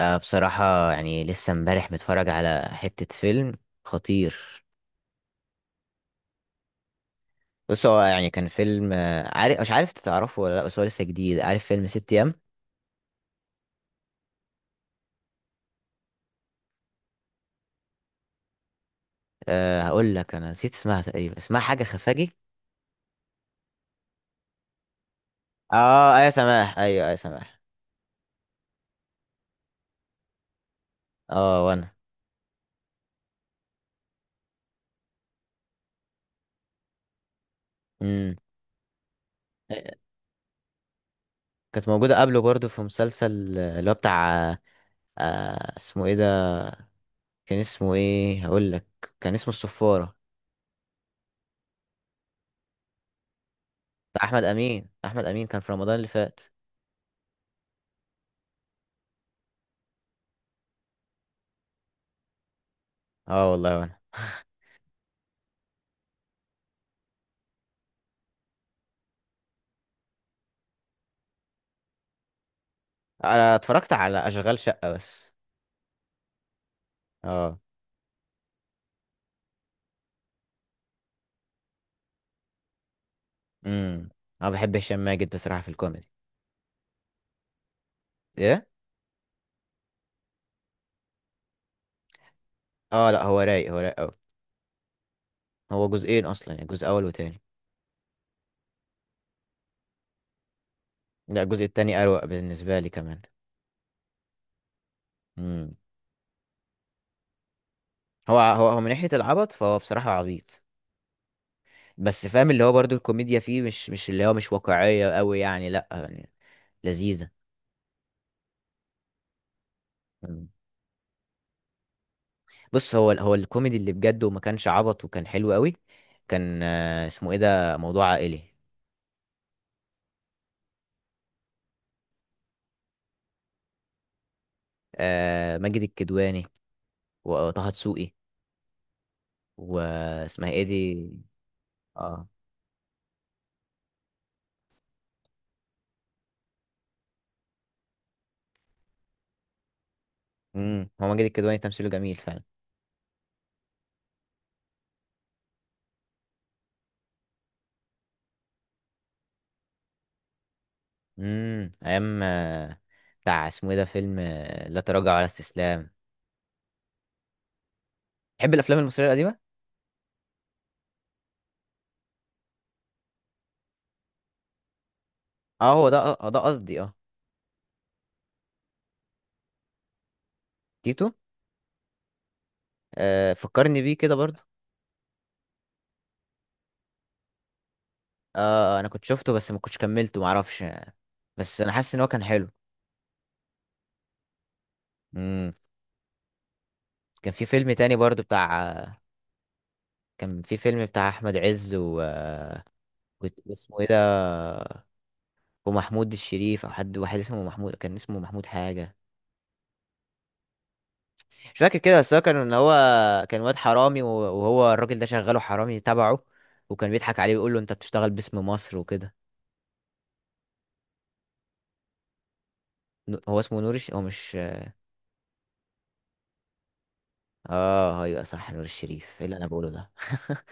بصراحة يعني لسه امبارح متفرج على حتة فيلم خطير. بص هو يعني كان فيلم عارف، مش عارف تعرفه ولا لا، بس هو لسه جديد. عارف فيلم ست أيام؟ أه هقول لك، أنا نسيت اسمها تقريبا، اسمها حاجة خفاجي. اه ايوه سماح، ايوه ايوه سماح. اه وانا. امم. كانت موجودة قبله برضو في مسلسل اللي هو بتاع اسمه ايه ده، كان اسمه ايه هقول لك، كان اسمه الصفارة، بتاع أحمد أمين. أحمد أمين كان في رمضان اللي فات. اه والله وانا. انا اتفرجت على اشغال شقه بس. اه. امم. انا بحب هشام ماجد بصراحه في الكوميدي. ايه؟ اه لا هو رايق، هو رايق قوي. هو جزئين اصلا، يعني جزء اول وتاني. لا الجزء التاني اروق بالنسبه لي كمان. امم. هو من ناحيه العبط فهو بصراحه عبيط، بس فاهم اللي هو برضو الكوميديا فيه مش اللي هو مش واقعيه قوي يعني، لا يعني لذيذه. مم. بص هو الكوميدي اللي بجد وما كانش عبط وكان حلو قوي، كان اسمه ايه ده، موضوع عائلي. ماجد الكدواني وطه دسوقي، واسمها ايه دي. اه. امم. هو ماجد الكدواني تمثيله جميل فعلا. ايام بتاع اسمه ايه ده، فيلم لا تراجع ولا استسلام. تحب الافلام المصريه القديمه؟ اه هو ده، آه ده قصدي، اه. تيتو؟ آه فكرني بيه كده برضه. اه انا كنت شفته بس ما كنتش كملته، معرفش، بس انا حاسس ان هو كان حلو. امم. كان في فيلم تاني برضه بتاع كان في فيلم بتاع احمد عز و... واسمه ايه ده، ومحمود الشريف او حد واحد اسمه محمود، كان اسمه محمود حاجه، مش فاكر كده. بس هو كان ان هو كان واد حرامي و- وهو الراجل ده شغاله حرامي تبعه، وكان بيضحك عليه ويقول له انت بتشتغل باسم مصر وكده. نو- هو اسمه نور الش... هو مش. اه ايوه صح، نور الشريف، ايه اللي انا بقوله ده.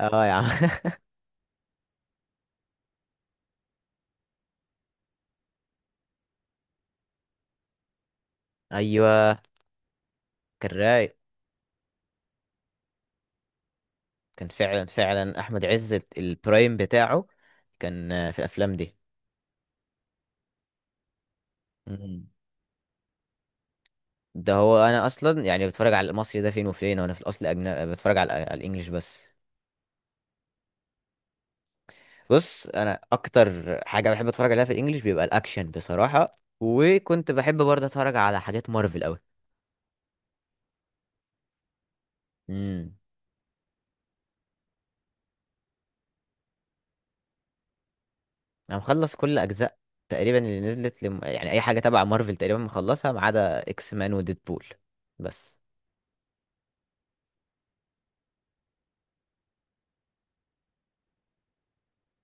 اه يا عم. ايوه كان رايق، كان فعلا فعلا احمد عز البرايم بتاعه كان في الافلام دي. مم. ده هو انا اصلا يعني بتفرج على المصري ده فين وفين، وانا في الاصل أجنبي بتفرج على الانجليش بس. بص انا اكتر حاجه بحب اتفرج عليها في الانجليش بيبقى الاكشن بصراحه، وكنت بحب برضه اتفرج على حاجات مارفل قوي. امم. انا مخلص كل اجزاء تقريبا اللي نزلت لم... يعني اي حاجه تبع مارفل تقريبا مخلصها، ما عدا اكس مان وديدبول بس.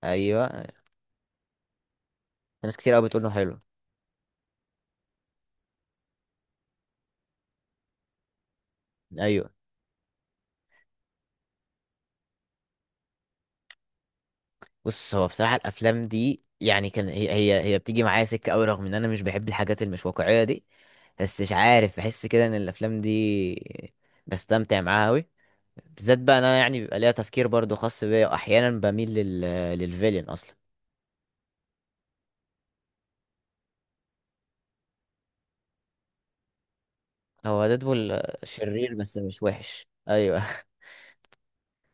ايوه. ناس كتير قوي بتقول انه حلو. ايوه. بص هو بصراحه الافلام دي يعني كان هي بتيجي معايا سكه قوي، رغم ان انا مش بحب الحاجات المش واقعيه دي، بس مش عارف بحس كده ان الافلام دي بستمتع معاها قوي، بالذات بقى انا يعني بيبقى ليها تفكير برضو خاص بيا، واحيانا بميل للفيلين اصلا. هو ديدبول شرير بس مش وحش، ايوه.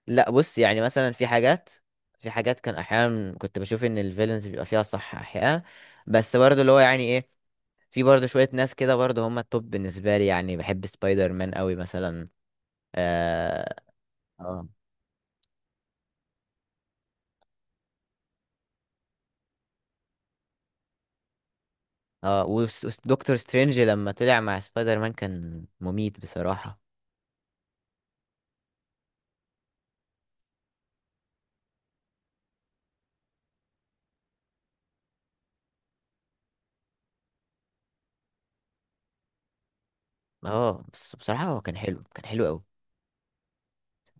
لا بص يعني مثلا في حاجات، في حاجات كان احيانا كنت بشوف ان الفيلنز بيبقى فيها صح احيانا، بس برضو اللي هو يعني ايه، في برضو شوية ناس كده برضو هم التوب بالنسبة لي، يعني بحب سبايدر مان قوي مثلا. اه. اه. اه دكتور سترينج لما طلع مع سبايدر مان كان مميت بصراحة. اه بس بصراحة هو كان حلو، كان حلو قوي.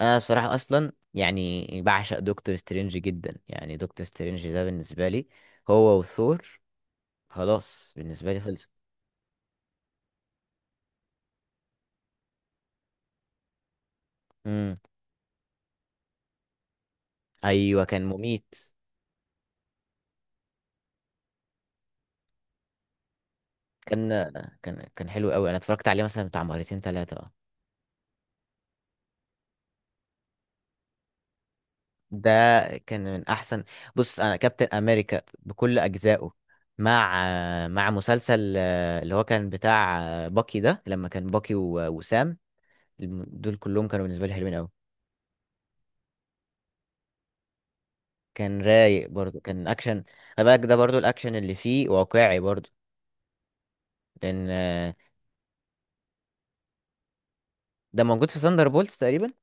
انا بصراحه اصلا يعني بعشق دكتور سترينج جدا، يعني دكتور سترينج ده بالنسبه لي، هو وثور، خلاص بالنسبه لي خلصت. امم. ايوه كان مميت. كان كان حلو قوي، انا اتفرجت عليه مثلا بتاع مرتين ثلاثه. اه. ده كان من احسن. بص انا كابتن امريكا بكل اجزائه، مع مسلسل اللي هو كان بتاع باكي ده لما كان باكي و- وسام، الم- دول كلهم كانوا بالنسبه لي حلوين قوي. كان رايق برضو، كان اكشن. خلي بالك ده برضو الاكشن اللي فيه واقعي برضو، لان ده موجود في ثاندر بولتس تقريبا.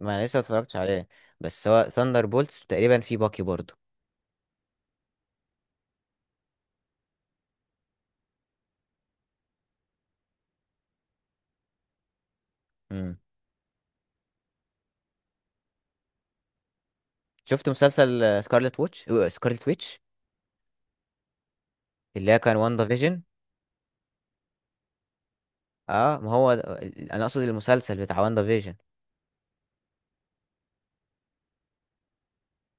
ما انا لسه ما اتفرجتش عليه، بس هو ثاندر بولتس تقريبا فيه باكي برضو. امم. شفت مسلسل سكارلت ووتش، سكارلت ويتش، اللي هي كان واندا فيجن. اه ما هو ده- انا اقصد المسلسل بتاع واندا فيجن.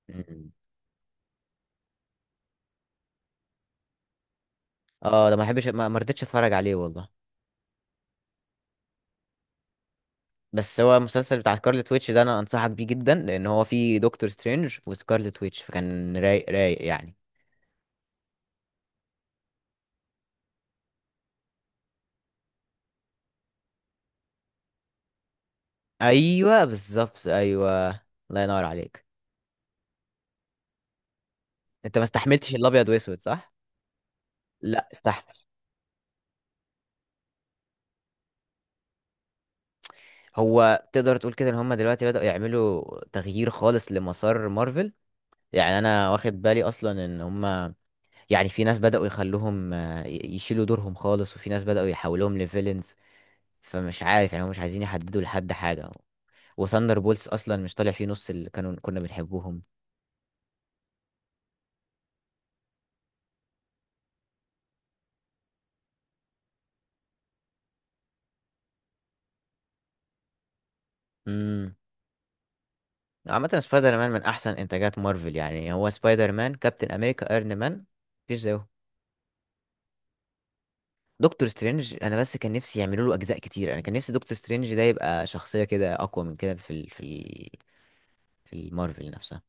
مم. اه ده ما بحبش، ما رضيتش اتفرج عليه والله، بس هو المسلسل بتاع سكارلت ويتش ده انا انصحك بيه جدا، لان هو فيه دكتور سترينج وسكارلت ويتش، فكان رايق رايق يعني. ايوه بالظبط ايوه. الله ينور عليك. انت ما استحملتش الابيض واسود صح؟ لا استحمل. هو تقدر تقول كده ان هم دلوقتي بدأوا يعملوا تغيير خالص لمسار مارفل، يعني انا واخد بالي اصلا ان هم يعني في ناس بدأوا يخلوهم يشيلوا دورهم خالص، وفي ناس بدأوا يحولوهم لفيلنز، فمش عارف يعني هم مش عايزين يحددوا لحد حاجة. وثاندر بولز اصلا مش طالع فيه نص اللي كنا بنحبوهم. امم. عامة سبايدر مان من أحسن إنتاجات مارفل، يعني هو سبايدر مان كابتن أمريكا أيرون مان، مفيش زيه. دكتور سترينج أنا بس كان نفسي يعملوا له أجزاء كتير، أنا كان نفسي دكتور سترينج ده يبقى شخصية كده أقوى من كده في ال في ال في المارفل نفسها.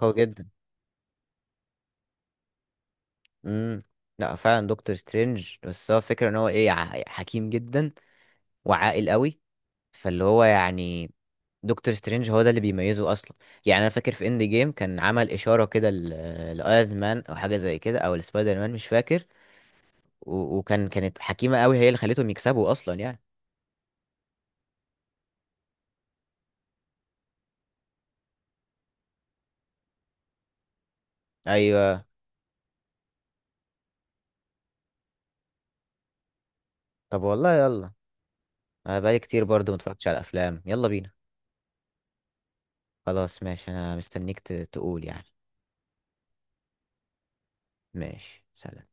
قوي جدا. امم. لا فعلا دكتور سترينج، بس هو الفكرة إن هو إيه، ع- حكيم جدا وعاقل قوي، فاللي هو يعني دكتور سترينج هو ده اللي بيميزه أصلا. يعني أنا فاكر في إند جيم كان عمل إشارة كده لأيرون مان أو حاجة زي كده أو لسبايدر مان، مش فاكر، و- وكان كانت حكيمة قوي هي اللي خليتهم يكسبوا اصلا يعني. ايوه. طب والله يلا، انا بقالي كتير برضو ما اتفرجتش على الافلام، يلا بينا. خلاص ماشي، انا مستنيك ت- تقول يعني. ماشي سلام.